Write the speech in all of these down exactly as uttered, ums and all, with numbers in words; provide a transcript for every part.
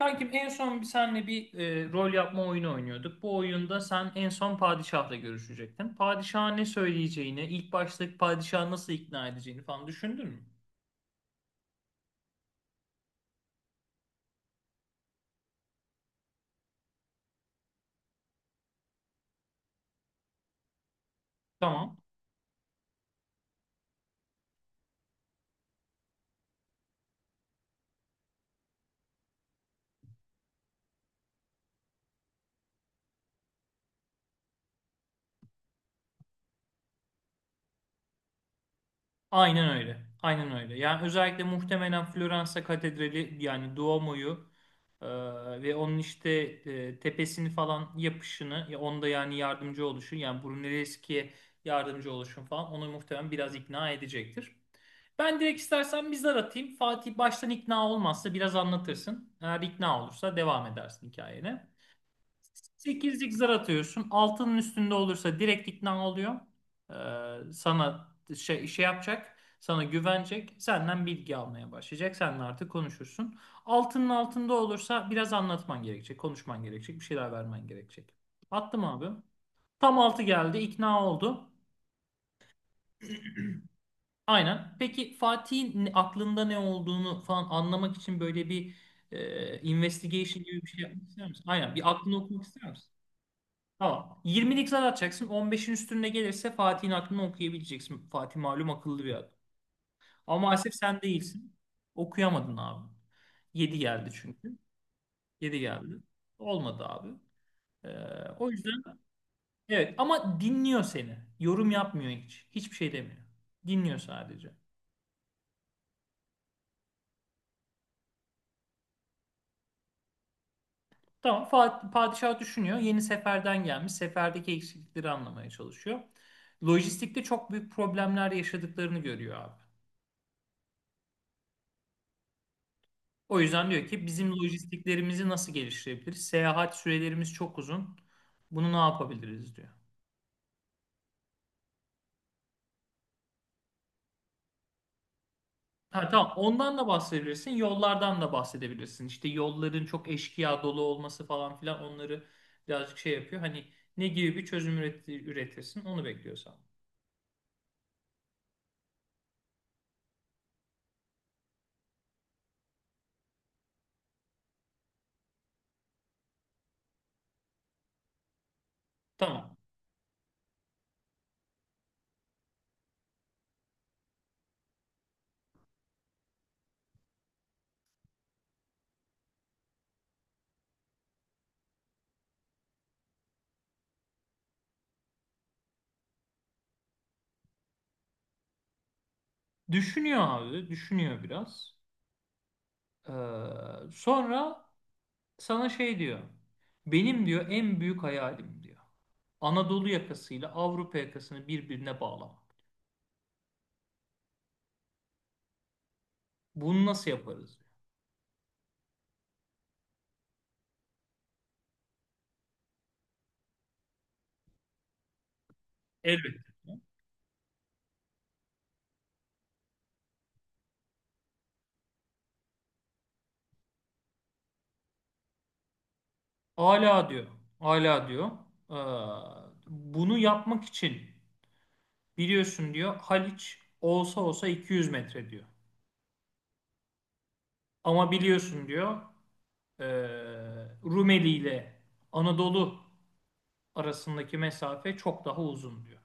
Kankim en son bir senle bir e, rol yapma oyunu oynuyorduk. Bu oyunda sen en son padişahla görüşecektin. Padişaha ne söyleyeceğini, ilk başta padişahı nasıl ikna edeceğini falan düşündün mü? Tamam. Aynen öyle. Aynen öyle. Yani özellikle muhtemelen Floransa Katedrali yani Duomo'yu e, ve onun işte e, tepesini falan yapışını ya onda yani yardımcı oluşun, yani Brunelleschi'ye yardımcı oluşun falan onu muhtemelen biraz ikna edecektir. Ben direkt istersen bir zar atayım. Fatih baştan ikna olmazsa biraz anlatırsın. Eğer ikna olursa devam edersin hikayene. sekizlik zar atıyorsun. Altının üstünde olursa direkt ikna oluyor. Ee, sana şey, şey yapacak. Sana güvenecek. Senden bilgi almaya başlayacak. Seninle artık konuşursun. Altının altında olursa biraz anlatman gerekecek. Konuşman gerekecek. Bir şeyler vermen gerekecek. Attım abi. Tam altı geldi. İkna oldu. Aynen. Peki Fatih'in aklında ne olduğunu falan anlamak için böyle bir e, investigation gibi bir şey yapmak ister misin? Aynen. Bir aklını okumak ister misin? Tamam. yirmilik zar atacaksın. on beşin üstünde gelirse Fatih'in aklını okuyabileceksin. Fatih malum akıllı bir adam. Ama maalesef sen değilsin. Okuyamadın abi. yedi geldi çünkü. yedi geldi. Olmadı abi. Ee, O yüzden evet ama dinliyor seni. Yorum yapmıyor hiç. Hiçbir şey demiyor. Dinliyor sadece. Tamam Fat- padişah düşünüyor. Yeni seferden gelmiş. Seferdeki eksiklikleri anlamaya çalışıyor. Lojistikte çok büyük problemler yaşadıklarını görüyor abi. O yüzden diyor ki bizim lojistiklerimizi nasıl geliştirebiliriz? Seyahat sürelerimiz çok uzun. Bunu ne yapabiliriz diyor. Ha tamam ondan da bahsedebilirsin. Yollardan da bahsedebilirsin. İşte yolların çok eşkıya dolu olması falan filan onları birazcık şey yapıyor. Hani ne gibi bir çözüm üret- üretirsin onu bekliyorsan. Tamam. Düşünüyor abi. Düşünüyor biraz. Ee, Sonra sana şey diyor. Benim diyor en büyük hayalim diyor. Anadolu yakasıyla Avrupa yakasını birbirine bağlamak. Bunu nasıl yaparız? Diyor. Elbette. Diyor. Ala diyor. Ala diyor. Ee, Bunu yapmak için biliyorsun diyor Haliç olsa olsa iki yüz metre diyor. Ama biliyorsun diyor e, Rumeli ile Anadolu arasındaki mesafe çok daha uzun diyor.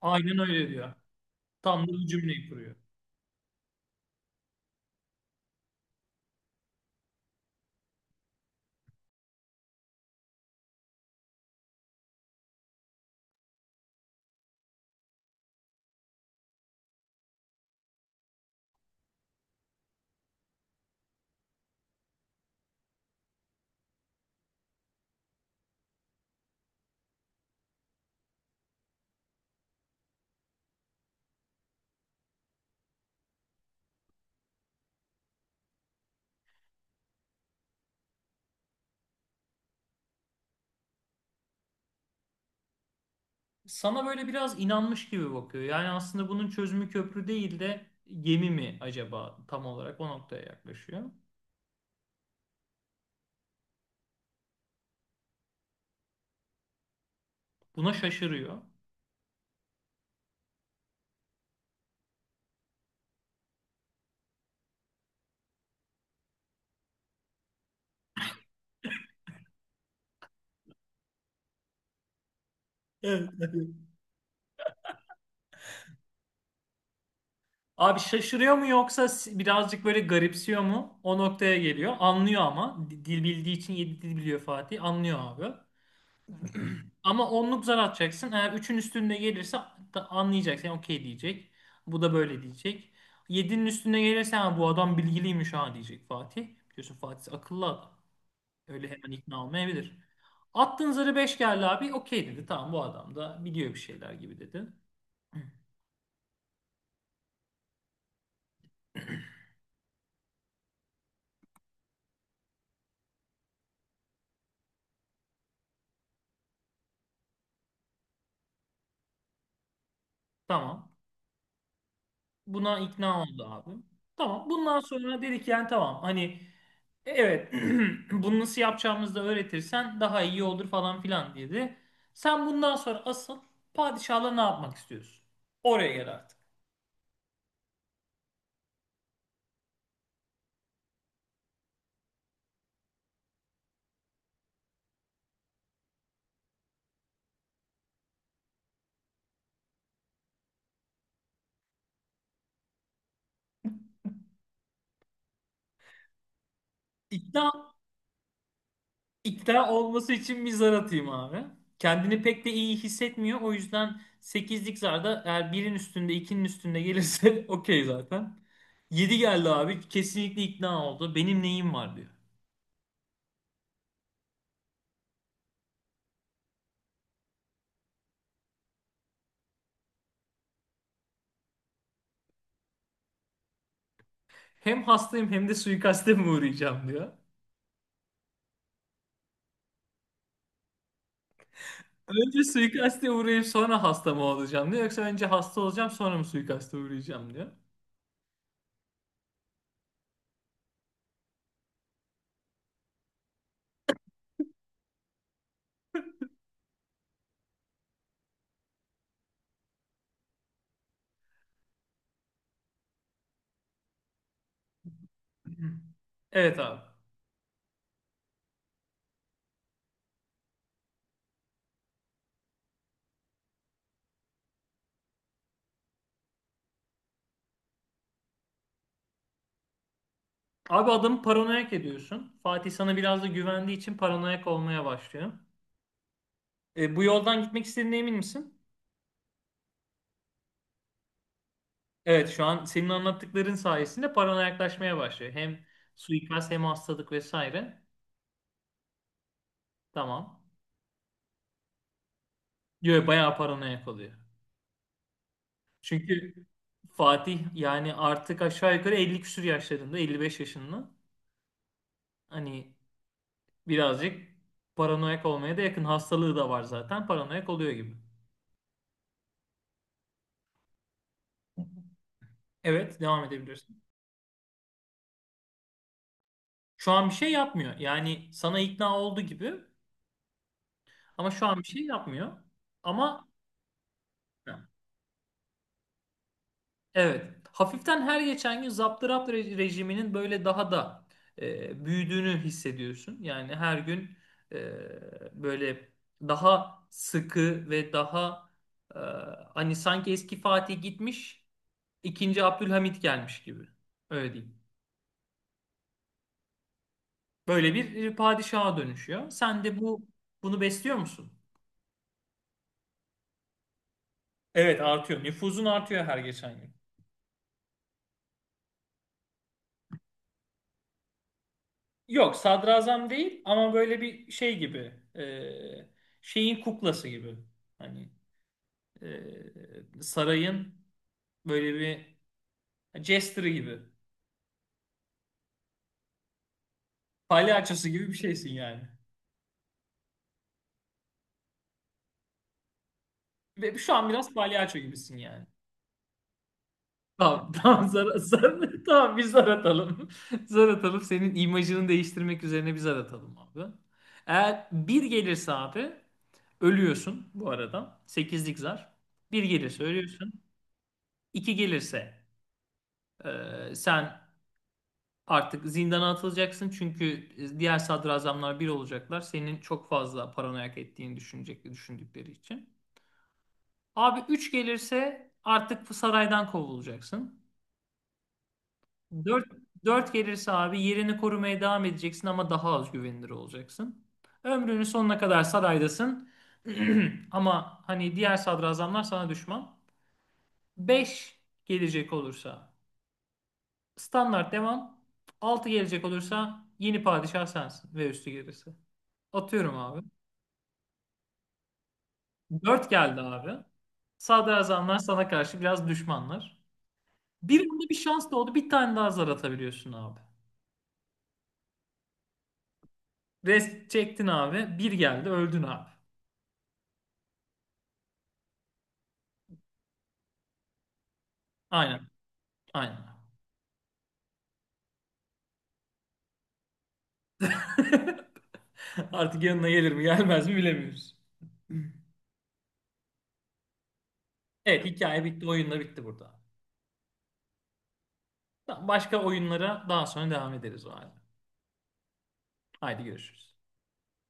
Aynen öyle diyor. Tam da bu cümleyi kuruyor. Sana böyle biraz inanmış gibi bakıyor. Yani aslında bunun çözümü köprü değil de gemi mi acaba tam olarak o noktaya yaklaşıyor. Buna şaşırıyor. Evet. Abi şaşırıyor mu yoksa si- birazcık böyle garipsiyor mu? O noktaya geliyor. Anlıyor ama. Di- Dil bildiği için yedi dil biliyor Fatih. Anlıyor abi. Ama onluk zar atacaksın. Eğer üçün üstünde gelirse da anlayacaksın. Yani okey diyecek. Bu da böyle diyecek. Yedinin üstüne gelirse ha, bu adam bilgiliymiş ha diyecek Fatih. Biliyorsun Fatih akıllı adam. Öyle hemen ikna olmayabilir. Attığın zarı beş geldi abi. Okey dedi. Tamam bu adam da biliyor bir şeyler gibi dedi. Hı. Tamam. Buna ikna oldu abim. Tamam. Bundan sonra dedik yani tamam hani evet bunu nasıl yapacağımızı da öğretirsen daha iyi olur falan filan dedi. Sen bundan sonra asıl padişahla ne yapmak istiyorsun? Oraya gel artık. İkna, ikna olması için bir zar atayım abi. Kendini pek de iyi hissetmiyor. O yüzden sekizlik zarda eğer birin üstünde ikinin üstünde gelirse okey zaten. Yedi geldi abi. Kesinlikle ikna oldu. Benim neyim var diyor. Hem hastayım hem de suikaste mi uğrayacağım diyor. Önce suikaste uğrayıp sonra hasta mı olacağım diyor. Yoksa önce hasta olacağım sonra mı suikaste uğrayacağım diyor. Evet abi. Abi adamı paranoyak ediyorsun. Fatih sana biraz da güvendiği için paranoyak olmaya başlıyor. E, bu yoldan gitmek istediğine emin misin? Evet şu an senin anlattıkların sayesinde paranoyaklaşmaya başlıyor. Hem suikast hem hastalık vesaire. Tamam. Diyor bayağı paranoyak oluyor. Çünkü Fatih yani artık aşağı yukarı elli küsur yaşlarında, elli beş yaşında. Hani birazcık paranoyak olmaya da yakın. Hastalığı da var zaten. Paranoyak oluyor gibi. Evet, devam edebilirsin. Şu an bir şey yapmıyor. Yani sana ikna oldu gibi ama şu an bir şey yapmıyor. Ama evet. Hafiften her geçen gün zaptı rapt re- rejiminin böyle daha da e, büyüdüğünü hissediyorsun. Yani her gün e, böyle daha sıkı ve daha e, hani sanki eski Fatih gitmiş, ikinci Abdülhamit gelmiş gibi. Öyle diyeyim. Böyle bir e, padişaha dönüşüyor. Sen de bu bunu besliyor musun? Evet artıyor. Nüfuzun artıyor her geçen gün. Yok sadrazam değil ama böyle bir şey gibi e, şeyin kuklası gibi hani e, sarayın böyle bir jester'ı gibi palyaçosu gibi bir şeysin yani. Ve şu an biraz palyaço gibisin yani. Tamam tamam zar, zar, tamam bir zar atalım. Zar atalım senin imajını değiştirmek üzerine bir zar atalım abi. Eğer bir gelirse abi ölüyorsun bu arada. Sekizlik zar. Bir gelirse ölüyorsun. İki gelirse Ee, sen artık zindana atılacaksın çünkü diğer sadrazamlar bir olacaklar. Senin çok fazla paranoyak ettiğini düşünecek, düşündükleri için. Abi üç gelirse artık saraydan kovulacaksın. Dört 4 gelirse abi yerini korumaya devam edeceksin ama daha az güvenilir olacaksın. Ömrünün sonuna kadar saraydasın. Ama hani diğer sadrazamlar sana düşman. Beş gelecek olursa standart devam. Altı gelecek olursa yeni padişah sensin ve üstü gerisi. Atıyorum abi. Dört geldi abi. Sadrazamlar sana karşı biraz düşmanlar. Bir anda bir şans doğdu. Bir tane daha zar atabiliyorsun abi. Rest çektin abi. Bir geldi öldün abi. Aynen. Aynen. Artık yanına gelir mi gelmez mi bilemiyoruz. Evet hikaye bitti. Oyunla bitti burada. Tamam, başka oyunlara daha sonra devam ederiz o halde. Haydi görüşürüz.